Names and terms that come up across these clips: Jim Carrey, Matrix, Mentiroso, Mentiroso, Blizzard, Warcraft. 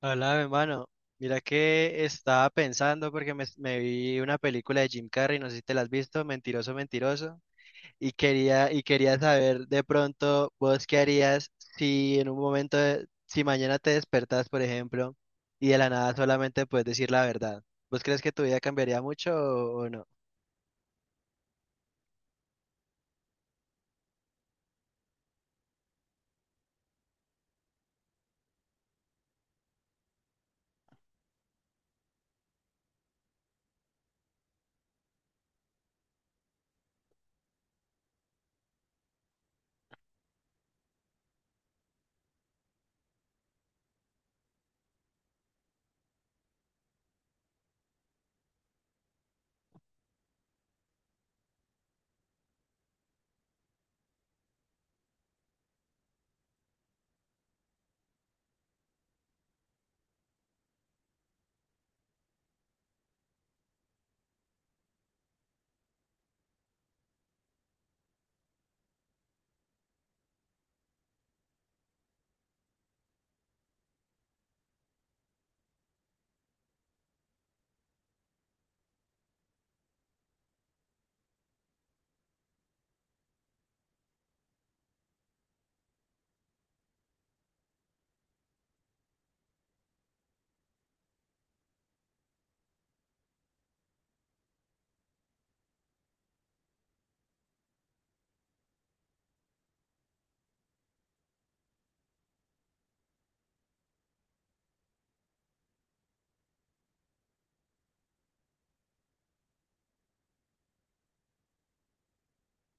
Hola, mi hermano. Mira que estaba pensando porque me vi una película de Jim Carrey, no sé si te la has visto, Mentiroso, Mentiroso, y quería saber de pronto vos qué harías si en un momento, si mañana te despertas, por ejemplo, y de la nada solamente puedes decir la verdad. ¿Vos crees que tu vida cambiaría mucho o no?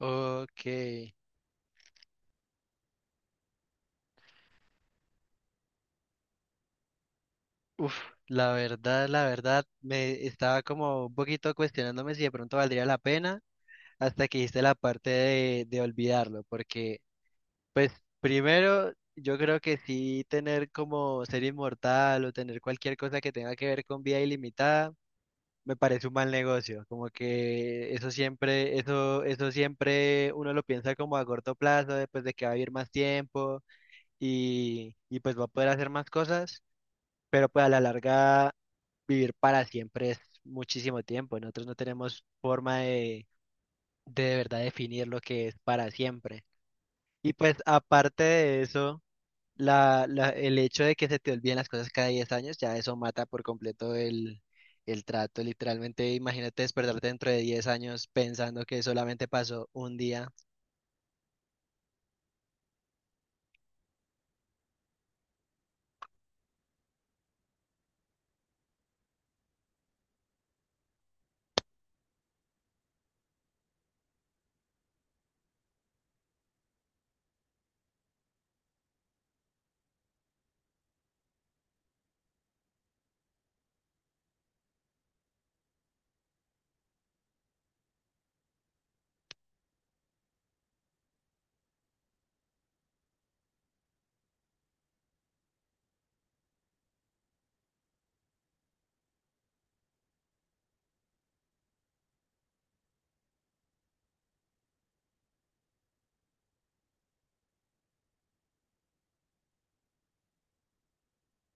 Ok. Uf, la verdad, me estaba como un poquito cuestionándome si de pronto valdría la pena, hasta que hice la parte de olvidarlo, porque pues primero yo creo que sí, tener como ser inmortal o tener cualquier cosa que tenga que ver con vida ilimitada me parece un mal negocio, como que eso siempre, eso siempre uno lo piensa como a corto plazo, después de que va a vivir más tiempo y pues va a poder hacer más cosas, pero pues a la larga vivir para siempre es muchísimo tiempo, nosotros no tenemos forma de verdad definir lo que es para siempre. Y pues aparte de eso, el hecho de que se te olviden las cosas cada 10 años, ya eso mata por completo el trato. Literalmente, imagínate despertarte dentro de 10 años pensando que solamente pasó un día.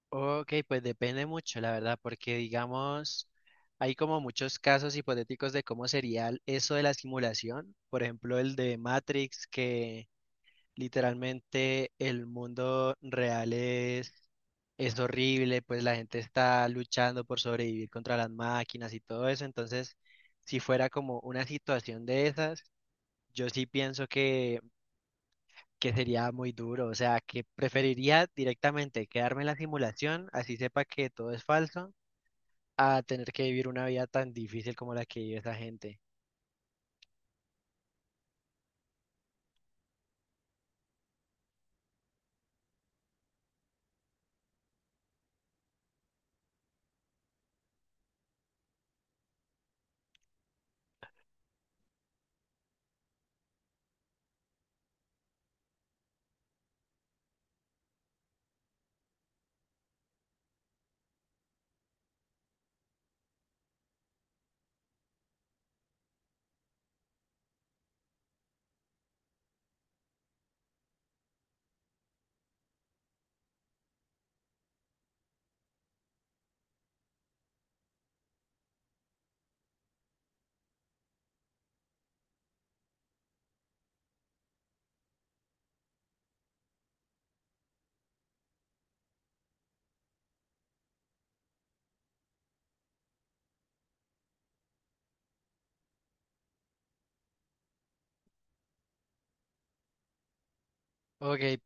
Ok, pues depende mucho, la verdad, porque digamos, hay como muchos casos hipotéticos de cómo sería eso de la simulación. Por ejemplo, el de Matrix, que literalmente el mundo real es horrible, pues la gente está luchando por sobrevivir contra las máquinas y todo eso. Entonces, si fuera como una situación de esas, yo sí pienso que sería muy duro. O sea, que preferiría directamente quedarme en la simulación, así sepa que todo es falso, a tener que vivir una vida tan difícil como la que vive esa gente. Ok,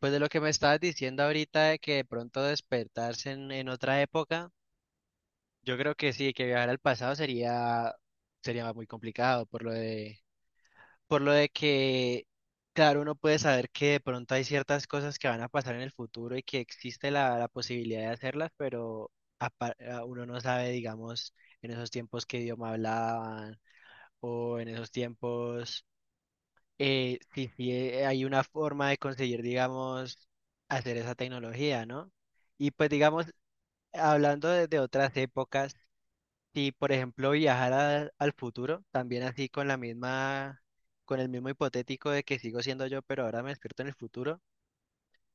pues de lo que me estabas diciendo ahorita de que de pronto despertarse en otra época. Yo creo que sí, que viajar al pasado sería muy complicado por lo de que, claro, uno puede saber que de pronto hay ciertas cosas que van a pasar en el futuro y que existe la posibilidad de hacerlas, pero uno no sabe, digamos, en esos tiempos qué idioma hablaban o en esos tiempos si, si hay una forma de conseguir, digamos, hacer esa tecnología, ¿no? Y pues, digamos, hablando de otras épocas. Si, por ejemplo, viajara al futuro, también así con la misma, con el mismo hipotético de que sigo siendo yo, pero ahora me despierto en el futuro,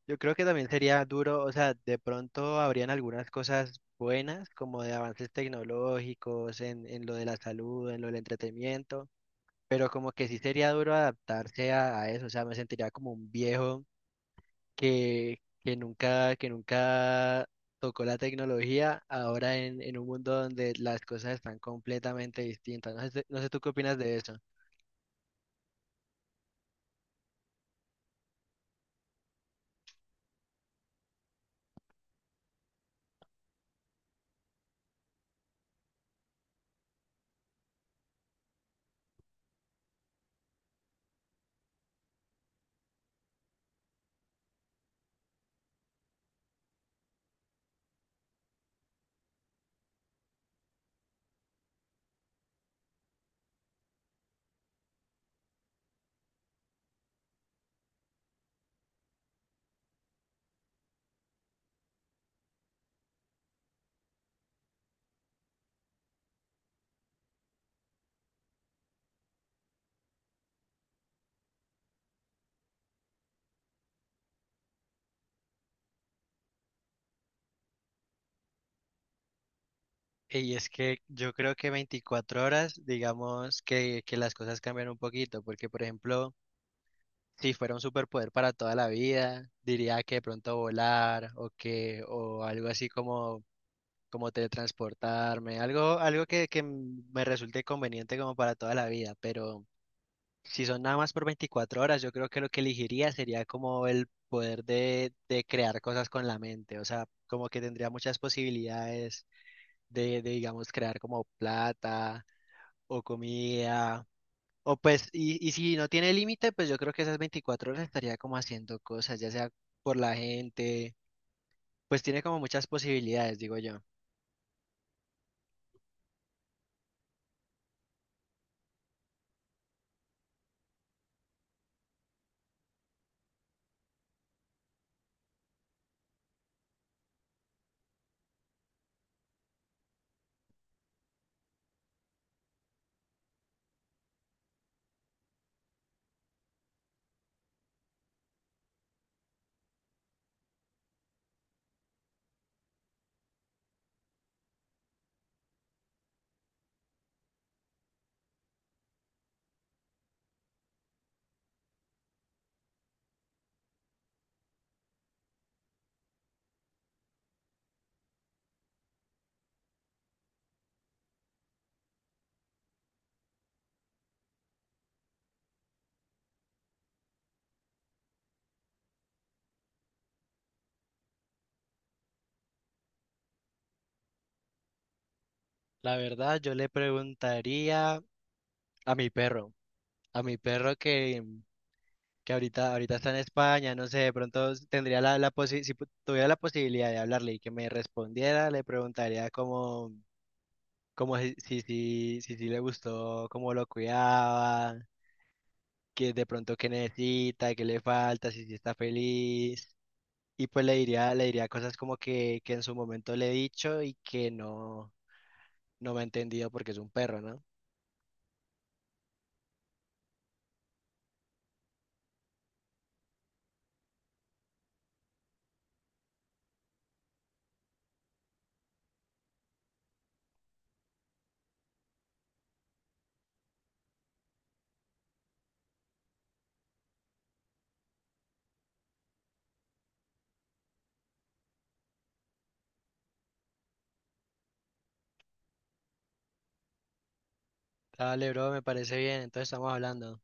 yo creo que también sería duro, o sea, de pronto habrían algunas cosas buenas, como de avances tecnológicos, en lo de la salud, en lo del entretenimiento, pero como que sí sería duro adaptarse a eso, o sea, me sentiría como un viejo que nunca tocó la tecnología, ahora en un mundo donde las cosas están completamente distintas. No sé, no sé tú qué opinas de eso. Y es que yo creo que 24 horas, digamos que las cosas cambian un poquito, porque por ejemplo, si fuera un superpoder para toda la vida, diría que de pronto volar o que, o algo así como, como teletransportarme, algo, algo que me resulte conveniente como para toda la vida, pero si son nada más por 24 horas, yo creo que lo que elegiría sería como el poder de crear cosas con la mente, o sea, como que tendría muchas posibilidades digamos, crear como plata o comida, o pues, y si no tiene límite, pues yo creo que esas 24 horas estaría como haciendo cosas, ya sea por la gente, pues tiene como muchas posibilidades, digo yo. La verdad, yo le preguntaría a mi perro, a mi perro que ahorita está en España, no sé, de pronto tendría la, la posi- si pu- tuviera la posibilidad de hablarle y que me respondiera, le preguntaría como, como si le gustó, cómo lo cuidaba, que de pronto qué necesita, qué le falta, si está feliz. Y pues le diría cosas como que en su momento le he dicho y que no, no me ha entendido porque es un perro, ¿no? Dale, bro, me parece bien, entonces estamos hablando.